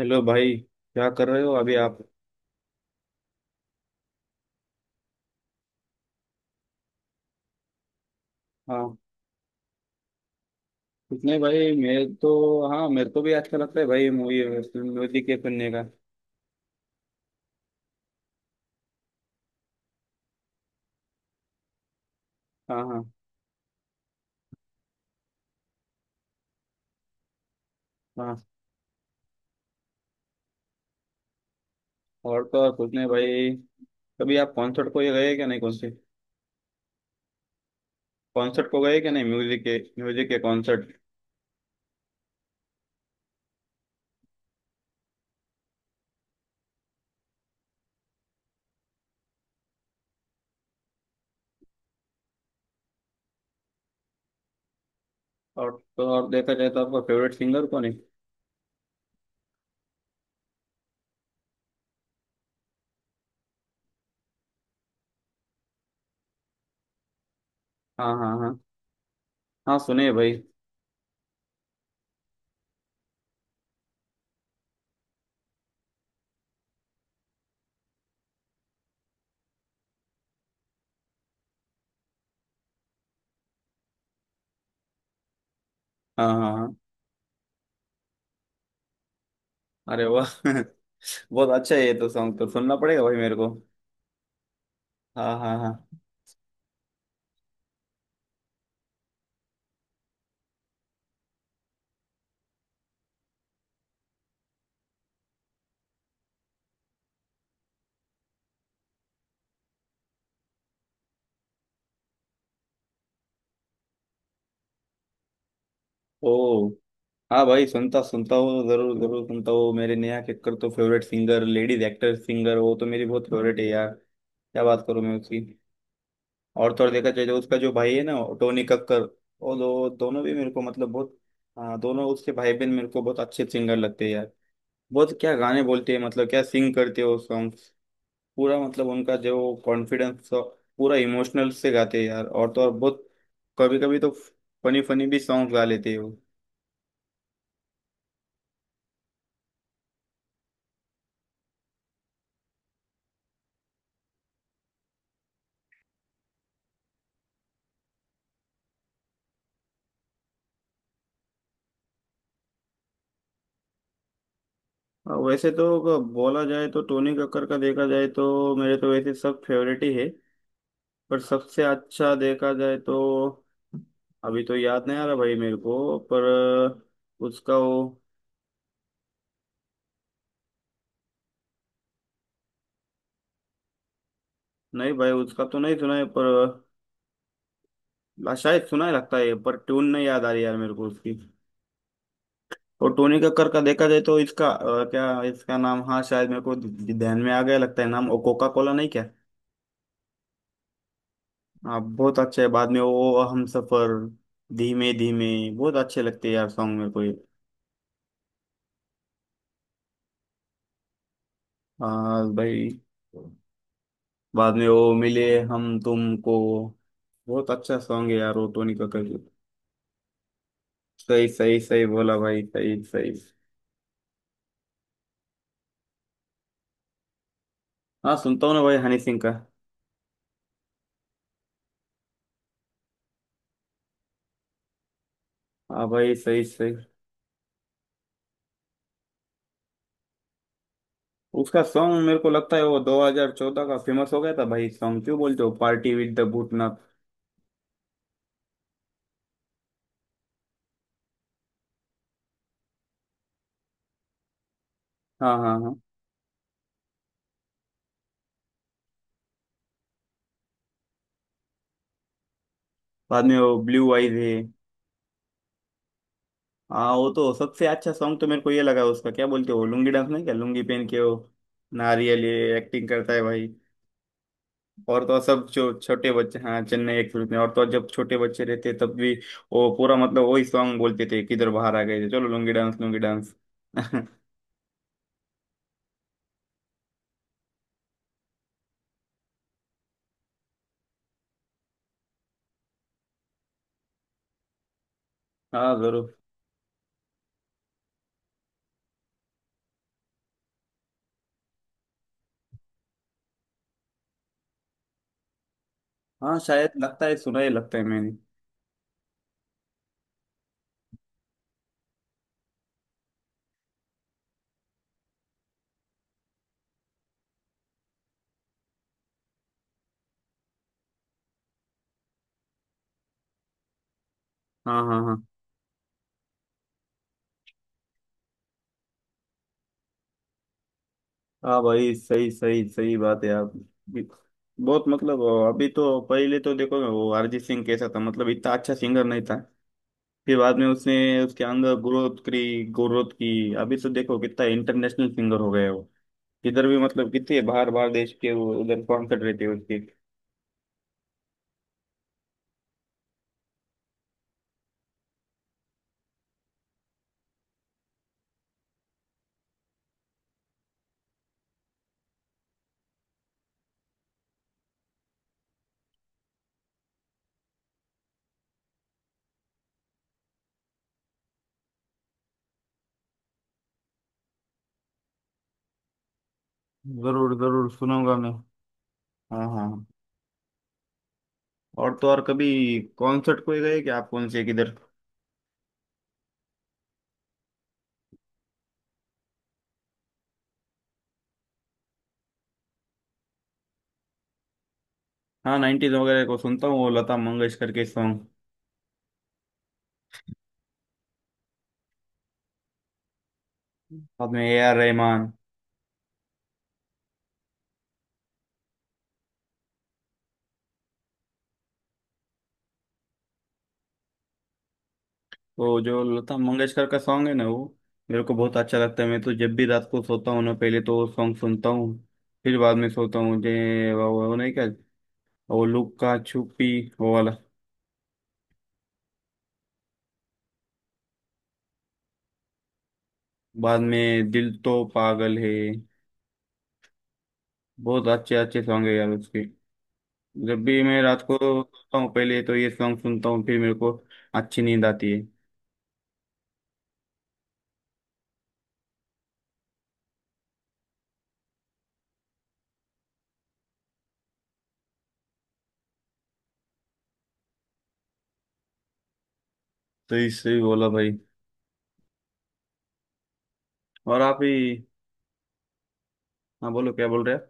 Hello भाई, क्या कर रहे हो अभी आप? हाँ, कुछ नहीं भाई, मैं तो। हाँ, मेरे को भी अच्छा लगता है भाई मूवी म्यूजिक के सुनने का। हाँ हाँ हाँ। और तो और कुछ नहीं भाई। कभी आप कॉन्सर्ट को ये गए क्या? नहीं, कौन से कॉन्सर्ट को गए क्या? नहीं, म्यूजिक के, म्यूजिक के कॉन्सर्ट। और तो और देखा जाए तो आपका फेवरेट सिंगर कौन है? हाँ हाँ हाँ। हाँ सुने भाई। हाँ हाँ हाँ। अरे वाह! बहुत अच्छा है ये तो, सॉन्ग तो सुनना पड़ेगा भाई मेरे को। हाँ हाँ हाँ। ओ। हाँ भाई, सुनता सुनता हूँ, जरूर जरूर सुनता हूँ। मेरे नेहा कक्कड़ तो favourite singer, ladies actor singer, वो तो मेरी बहुत फेवरेट है यार। क्या बात करूँ मैं उसकी। और तो और देखा जाए तो उसका जो भाई है ना, टोनी कक्कर। वो दोनों भी मेरे को मतलब बहुत। हाँ, दोनों उसके भाई बहन मेरे को बहुत अच्छे सिंगर लगते हैं यार। बहुत क्या गाने बोलते हैं, मतलब क्या सिंग करते हो सॉन्ग। पूरा मतलब उनका जो कॉन्फिडेंस, पूरा इमोशनल से गाते हैं यार, और तो और बहुत। कभी कभी तो फनी फनी भी सॉन्ग गा लेते हो। हाँ, वैसे तो अगर बोला जाए तो टोनी कक्कर का देखा जाए तो मेरे तो वैसे सब फेवरेट ही है, पर सबसे अच्छा देखा जाए तो अभी तो याद नहीं आ रहा भाई मेरे को, पर उसका वो। नहीं भाई, उसका तो नहीं सुना है, पर शायद सुना है लगता है, पर ट्यून नहीं याद आ रही यार मेरे को उसकी। और टोनी कक्कर का देखा जाए तो इसका क्या इसका नाम, हाँ शायद मेरे को ध्यान में आ गया लगता है नाम, कोका कोला नहीं क्या? आप बहुत अच्छा है, बाद में वो हम सफर, धीमे धीमे। बहुत अच्छे लगते हैं यार सॉन्ग मेरे को ये। हाँ भाई। बाद में वो मिले, हम तुमको। बहुत अच्छा सॉन्ग है यार वो टोनी कक्कड़ की। सही सही सही बोला भाई, सही सही। हाँ, सुनता हूँ ना भाई हनी सिंह का। हाँ भाई, सही सही। उसका सॉन्ग मेरे को लगता है वो 2014 का फेमस हो गया था भाई सॉन्ग, क्यों बोलते हो, पार्टी विद द भूतनाथ। हाँ हाँ हाँ। बाद में वो ब्लू आईज है। हाँ, वो तो सबसे अच्छा सॉन्ग तो मेरे को ये लगा उसका, क्या बोलते हो, लुंगी डांस नहीं क्या, लुंगी पहन के वो नारियल ये एक्टिंग करता है भाई। और तो और सब जो छोटे बच्चे, हाँ चेन्नई एक्सप्रेस में, और तो और जब छोटे बच्चे रहते तब भी वो पूरा मतलब वही सॉन्ग बोलते थे, किधर बाहर आ गए थे चलो, लुंगी डांस लुंगी डांस। हाँ जरूर। हाँ शायद लगता है सुना ही लगता है मैंने। हाँ हाँ हाँ। हाँ भाई, सही सही सही बात है आप, बहुत मतलब। अभी तो पहले तो देखो वो अरिजीत सिंह कैसा था, मतलब इतना अच्छा सिंगर नहीं था, फिर बाद में उसने उसके अंदर ग्रोथ करी, ग्रोथ की। अभी तो देखो कितना इंटरनेशनल सिंगर हो गया वो, इधर भी मतलब कितने बाहर बाहर देश के वो उधर कॉन्सर्ट रहते हैं उसके। जरूर जरूर सुनूंगा मैं। हाँ हाँ। और तो और कभी कॉन्सर्ट को गए क्या आप, कौन से, किधर? हाँ, नाइन्टीज वगैरह को सुनता हूँ, वो लता मंगेशकर के सॉन्ग, बाद में ए आर रहमान। तो जो लता मंगेशकर का सॉन्ग है ना, वो मेरे को बहुत अच्छा लगता है, मैं तो जब भी रात को सोता हूँ ना पहले तो वो सॉन्ग सुनता हूँ फिर बाद में सोता हूँ। जे वो नहीं क्या, वो लुक्का छुपी वो वाला। बाद में दिल तो पागल है। बहुत अच्छे अच्छे सॉन्ग है यार उसके। जब भी मैं रात को सोता हूँ पहले तो ये सॉन्ग सुनता हूँ फिर मेरे को अच्छी नींद आती है। तो इससे भी बोला भाई। और आप ही, हाँ बोलो क्या बोल रहे हैं।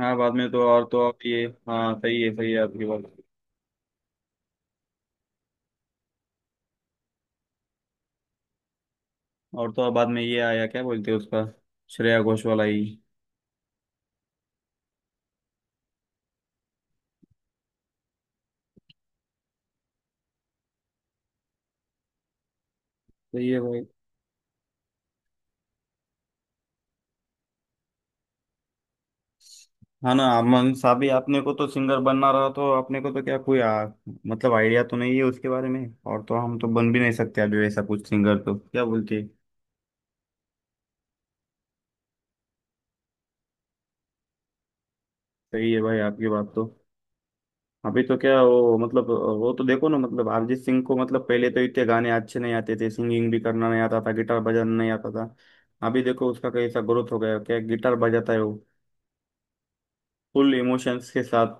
हाँ बाद में तो और, तो आप ये, हाँ सही है आपकी बात। और तो बाद में ये आया, क्या बोलते हैं उसका, श्रेया घोष वाला ही। सही है भाई। हाँ ना अमन साहब ही, आपने को तो सिंगर बनना रहा तो अपने को तो क्या कोई मतलब आइडिया तो नहीं है उसके बारे में। और तो हम तो बन भी नहीं सकते अभी वैसा कुछ सिंगर तो क्या बोलती है। सही है भाई आपकी बात तो। अभी तो क्या वो मतलब वो तो देखो ना, मतलब अरिजीत सिंह को मतलब पहले तो इतने गाने अच्छे नहीं आते थे, सिंगिंग भी करना नहीं आता था, गिटार बजाना नहीं आता था। अभी देखो उसका कैसा ग्रोथ हो गया, क्या गिटार बजाता है वो, फुल इमोशंस के साथ,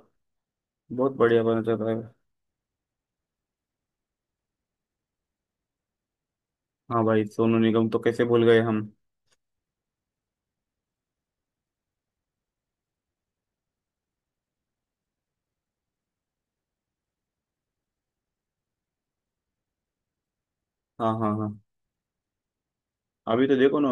बहुत बढ़िया बना जाता है। हाँ भाई सोनू निगम तो कैसे भूल गए हम। हाँ हाँ हाँ। अभी तो देखो ना।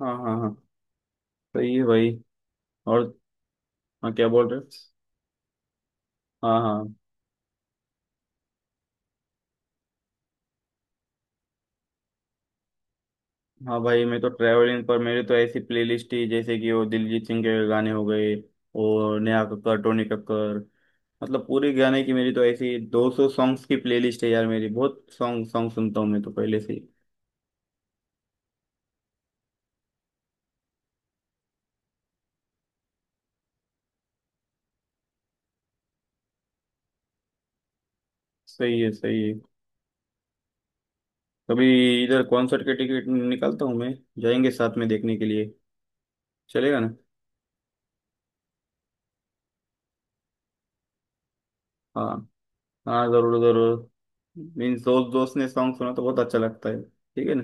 हाँ हाँ हाँ। सही है भाई। और हाँ, क्या बोल रहे हो। हाँ हाँ। हाँ भाई, मैं तो ट्रैवलिंग पर, मेरे तो ऐसी प्लेलिस्ट ही जैसे कि वो दिलजीत सिंह के गाने हो गए और नेहा कक्कड़ टोनी कक्कड़, मतलब पूरे गाने की मेरी तो ऐसी 200 सॉन्ग्स की प्लेलिस्ट है यार मेरी, बहुत सॉन्ग सॉन्ग सुनता हूँ मैं तो पहले से ही। सही है सही है। कभी इधर कॉन्सर्ट के टिकट निकालता हूँ मैं, जाएंगे साथ में देखने के लिए, चलेगा ना? हाँ हाँ, जरूर जरूर। मीन्स दोस्त दोस्त ने सॉन्ग सुना तो बहुत अच्छा लगता है, ठीक है ना।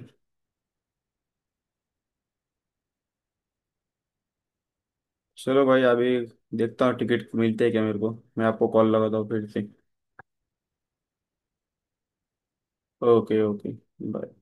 चलो भाई, अभी देखता हूँ टिकट मिलते हैं क्या मेरे को, मैं आपको कॉल लगाता हूँ फिर से। Okay okay. बाय।